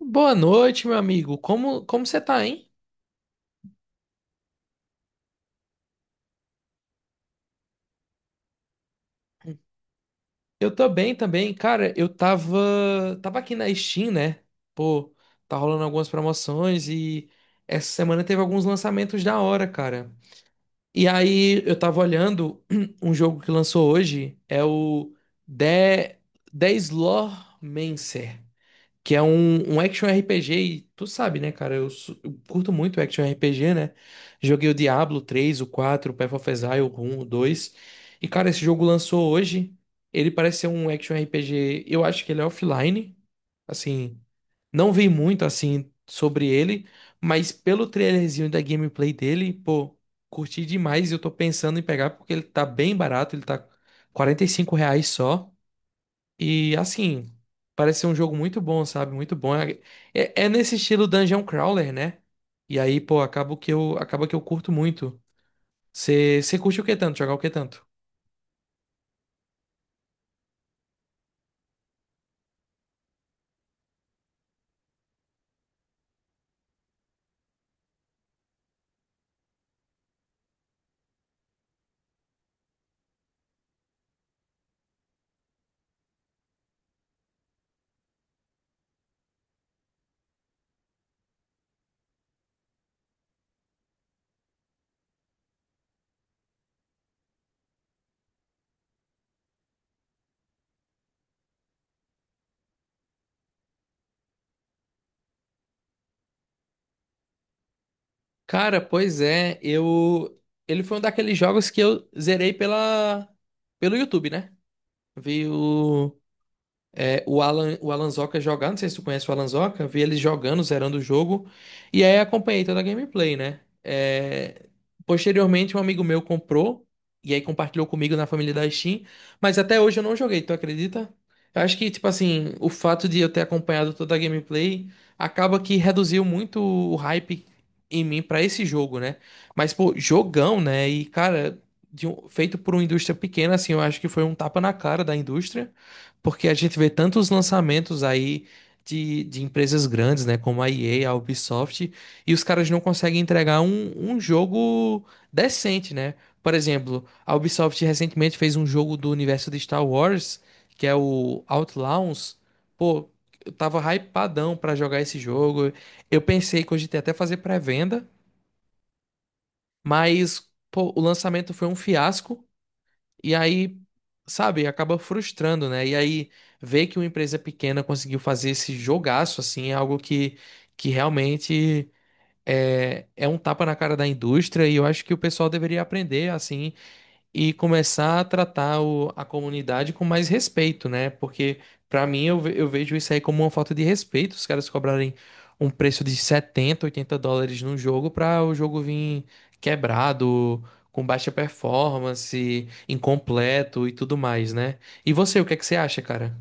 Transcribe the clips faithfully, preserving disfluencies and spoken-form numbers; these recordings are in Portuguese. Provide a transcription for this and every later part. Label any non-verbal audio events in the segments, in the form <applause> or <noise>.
Boa noite, meu amigo. Como como você tá, hein? Eu tô bem também. Cara, eu tava tava aqui na Steam, né? Pô, tá rolando algumas promoções e essa semana teve alguns lançamentos da hora, cara. E aí eu tava olhando <clears throat> um jogo que lançou hoje, é o The The Slawmancer. Que é um, um action R P G, e tu sabe, né, cara? Eu, su- eu curto muito action R P G, né? Joguei o Diablo três o quatro o Path of Exile, o um o dois. E, cara, esse jogo lançou hoje. Ele parece ser um action R P G. Eu acho que ele é offline. Assim, não vi muito, assim, sobre ele. Mas pelo trailerzinho da gameplay dele, pô, curti demais. E eu tô pensando em pegar porque ele tá bem barato. Ele tá R$ quarenta e cinco reais só. E assim, parece ser um jogo muito bom, sabe? Muito bom. É, é é nesse estilo Dungeon Crawler, né? E aí, pô, acabo que eu, acaba que eu curto muito. Você curte o que tanto? Jogar o que tanto? Cara, pois é, eu. Ele foi um daqueles jogos que eu zerei pela... pelo YouTube, né? Veio. É, o Alan, o Alan Zoca é jogar, não sei se tu conhece o Alan Zoca, vi ele jogando, zerando o jogo, e aí acompanhei toda a gameplay, né? É, posteriormente, um amigo meu comprou, e aí compartilhou comigo na família da Steam, mas até hoje eu não joguei, tu acredita? Eu acho que, tipo assim, o fato de eu ter acompanhado toda a gameplay acaba que reduziu muito o hype em mim pra esse jogo, né? Mas, pô, jogão, né? E, cara, de um- feito por uma indústria pequena, assim, eu acho que foi um tapa na cara da indústria. Porque a gente vê tantos lançamentos aí de, de empresas grandes, né? Como a E A, a a Ubisoft, e os caras não conseguem entregar um, um jogo decente, né? Por exemplo, a Ubisoft recentemente fez um jogo do universo de Star Wars, que é o Outlaws. Pô, eu tava hypadão pra jogar esse jogo. Eu pensei que hoje ia até fazer pré-venda, mas pô, o lançamento foi um fiasco. E aí, sabe, acaba frustrando, né? E aí, ver que uma empresa pequena conseguiu fazer esse jogaço, assim, é algo que, que realmente é, é um tapa na cara da indústria. E eu acho que o pessoal deveria aprender, assim, e começar a tratar o- a comunidade com mais respeito, né? Porque pra mim eu, ve- eu vejo isso aí como uma falta de respeito, os caras cobrarem um preço de setenta, oitenta dólares num jogo pra o jogo vir quebrado, com baixa performance, incompleto e tudo mais, né? E você, o que é que você acha, cara?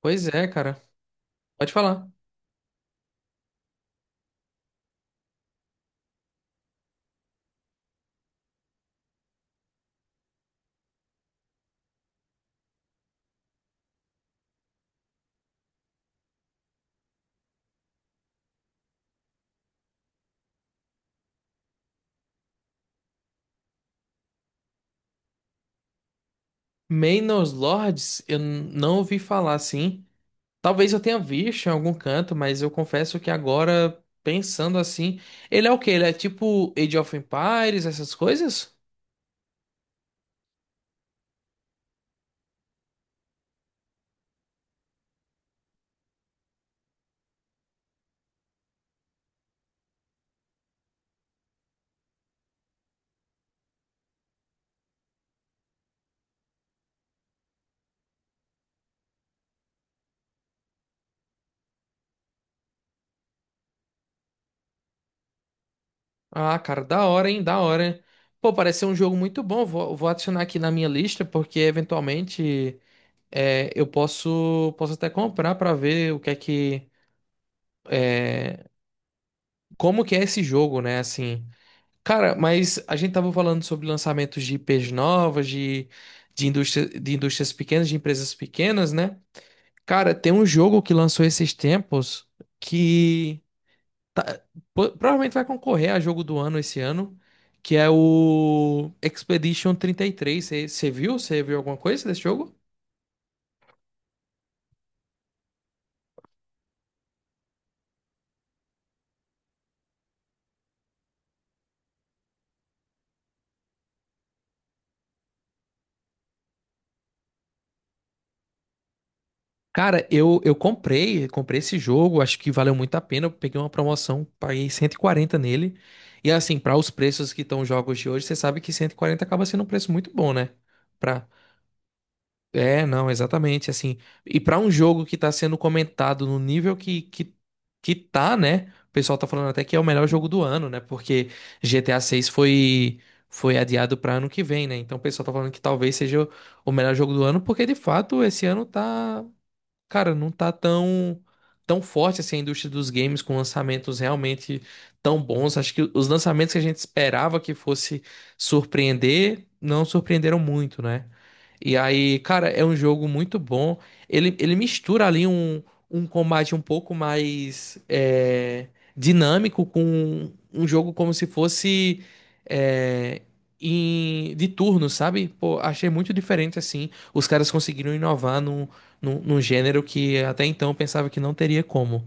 Pois é, cara. Pode falar. Manor Lords, eu n- não ouvi falar assim. Talvez eu tenha visto em algum canto, mas eu confesso que agora, pensando assim, ele é o quê? Ele é tipo Age of Empires, essas coisas? Ah, cara, da hora, hein? Da hora, hein? Pô, parece ser um jogo muito bom. Vou, vou adicionar aqui na minha lista, porque eventualmente é, eu posso, posso até comprar pra ver o que é que. é, Como que é esse jogo, né? Assim. Cara, mas a gente tava falando sobre lançamentos de I Ps novas, de, de, indústria, de indústrias pequenas, de empresas pequenas, né? Cara, tem um jogo que lançou esses tempos que tá- po- provavelmente vai concorrer a jogo do ano esse ano, que é o Expedition trinta e três. Você viu? Você viu alguma coisa desse jogo? Cara, eu, eu comprei, comprei esse jogo, acho que valeu muito a pena. Eu peguei uma promoção, paguei cento e quarenta nele. E assim, para os preços que estão os jogos de hoje, você sabe que cento e quarenta acaba sendo um preço muito bom, né? Pra, é, não, exatamente, assim. E pra um jogo que tá sendo comentado no nível que, que, que tá, né? O pessoal tá falando até que é o melhor jogo do ano, né? Porque G T A seis foi foi adiado pra ano que vem, né? Então o pessoal tá falando que talvez seja o o melhor jogo do ano, porque de fato esse ano tá. Cara, não tá tão tão forte assim a indústria dos games com lançamentos realmente tão bons. Acho que os lançamentos que a gente esperava que fosse surpreender, não surpreenderam muito, né? E aí, cara, é um jogo muito bom. Ele, ele mistura ali um, um combate um pouco mais é, dinâmico com um jogo como se fosse é, em, de turno, sabe? Pô, achei muito diferente assim. Os caras conseguiram inovar num, num gênero que até então eu pensava que não teria como.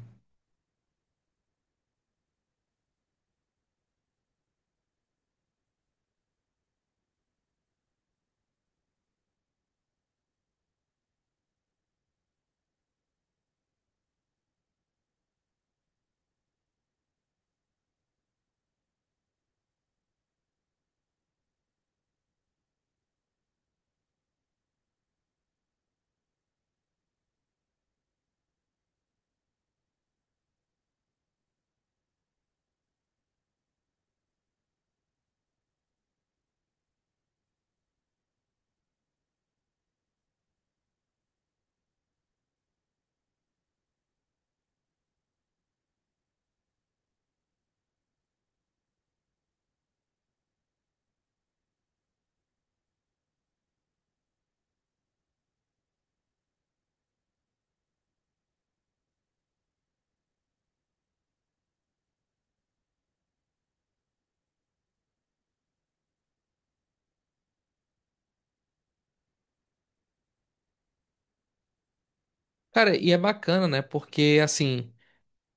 Cara, e é bacana, né? Porque assim,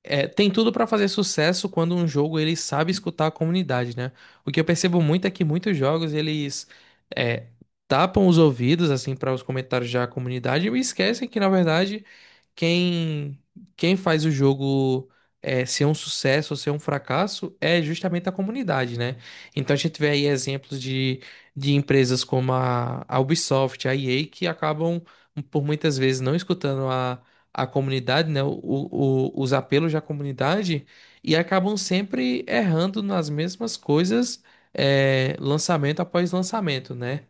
é, tem tudo pra fazer sucesso quando um jogo ele sabe escutar a comunidade, né? O que eu percebo muito é que muitos jogos eles é, tapam os ouvidos assim para os comentários da comunidade e esquecem que na verdade quem quem faz o jogo é, ser um sucesso ou ser um fracasso é justamente a comunidade, né? Então a gente vê aí exemplos de, de empresas como a, a Ubisoft, a E A, que acabam por muitas vezes não escutando a, a comunidade, né? O, o- os apelos da comunidade e acabam sempre errando nas mesmas coisas, é, lançamento após lançamento, né?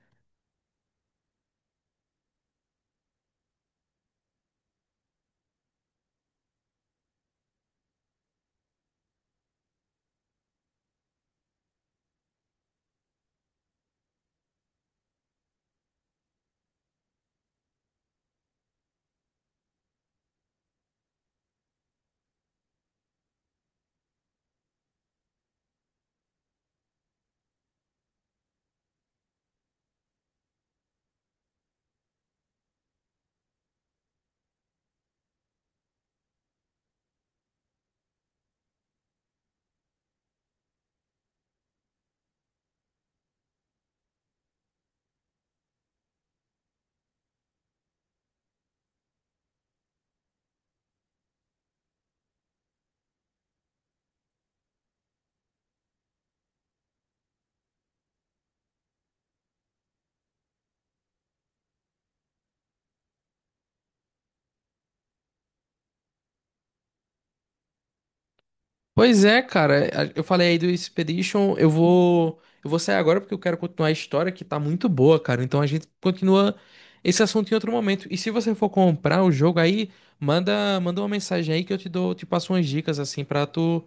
Pois é, cara, a- eu falei aí do Expedition, eu vou eu vou sair agora porque eu quero continuar a história que tá muito boa, cara. Então a gente continua esse assunto em outro momento. E se você for comprar o jogo aí, manda manda uma mensagem aí que eu te dou, te passo umas dicas assim pra tu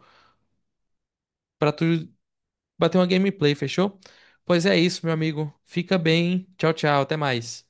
para tu bater uma gameplay, fechou? Pois é isso, meu amigo. Fica bem. Tchau, tchau, até mais.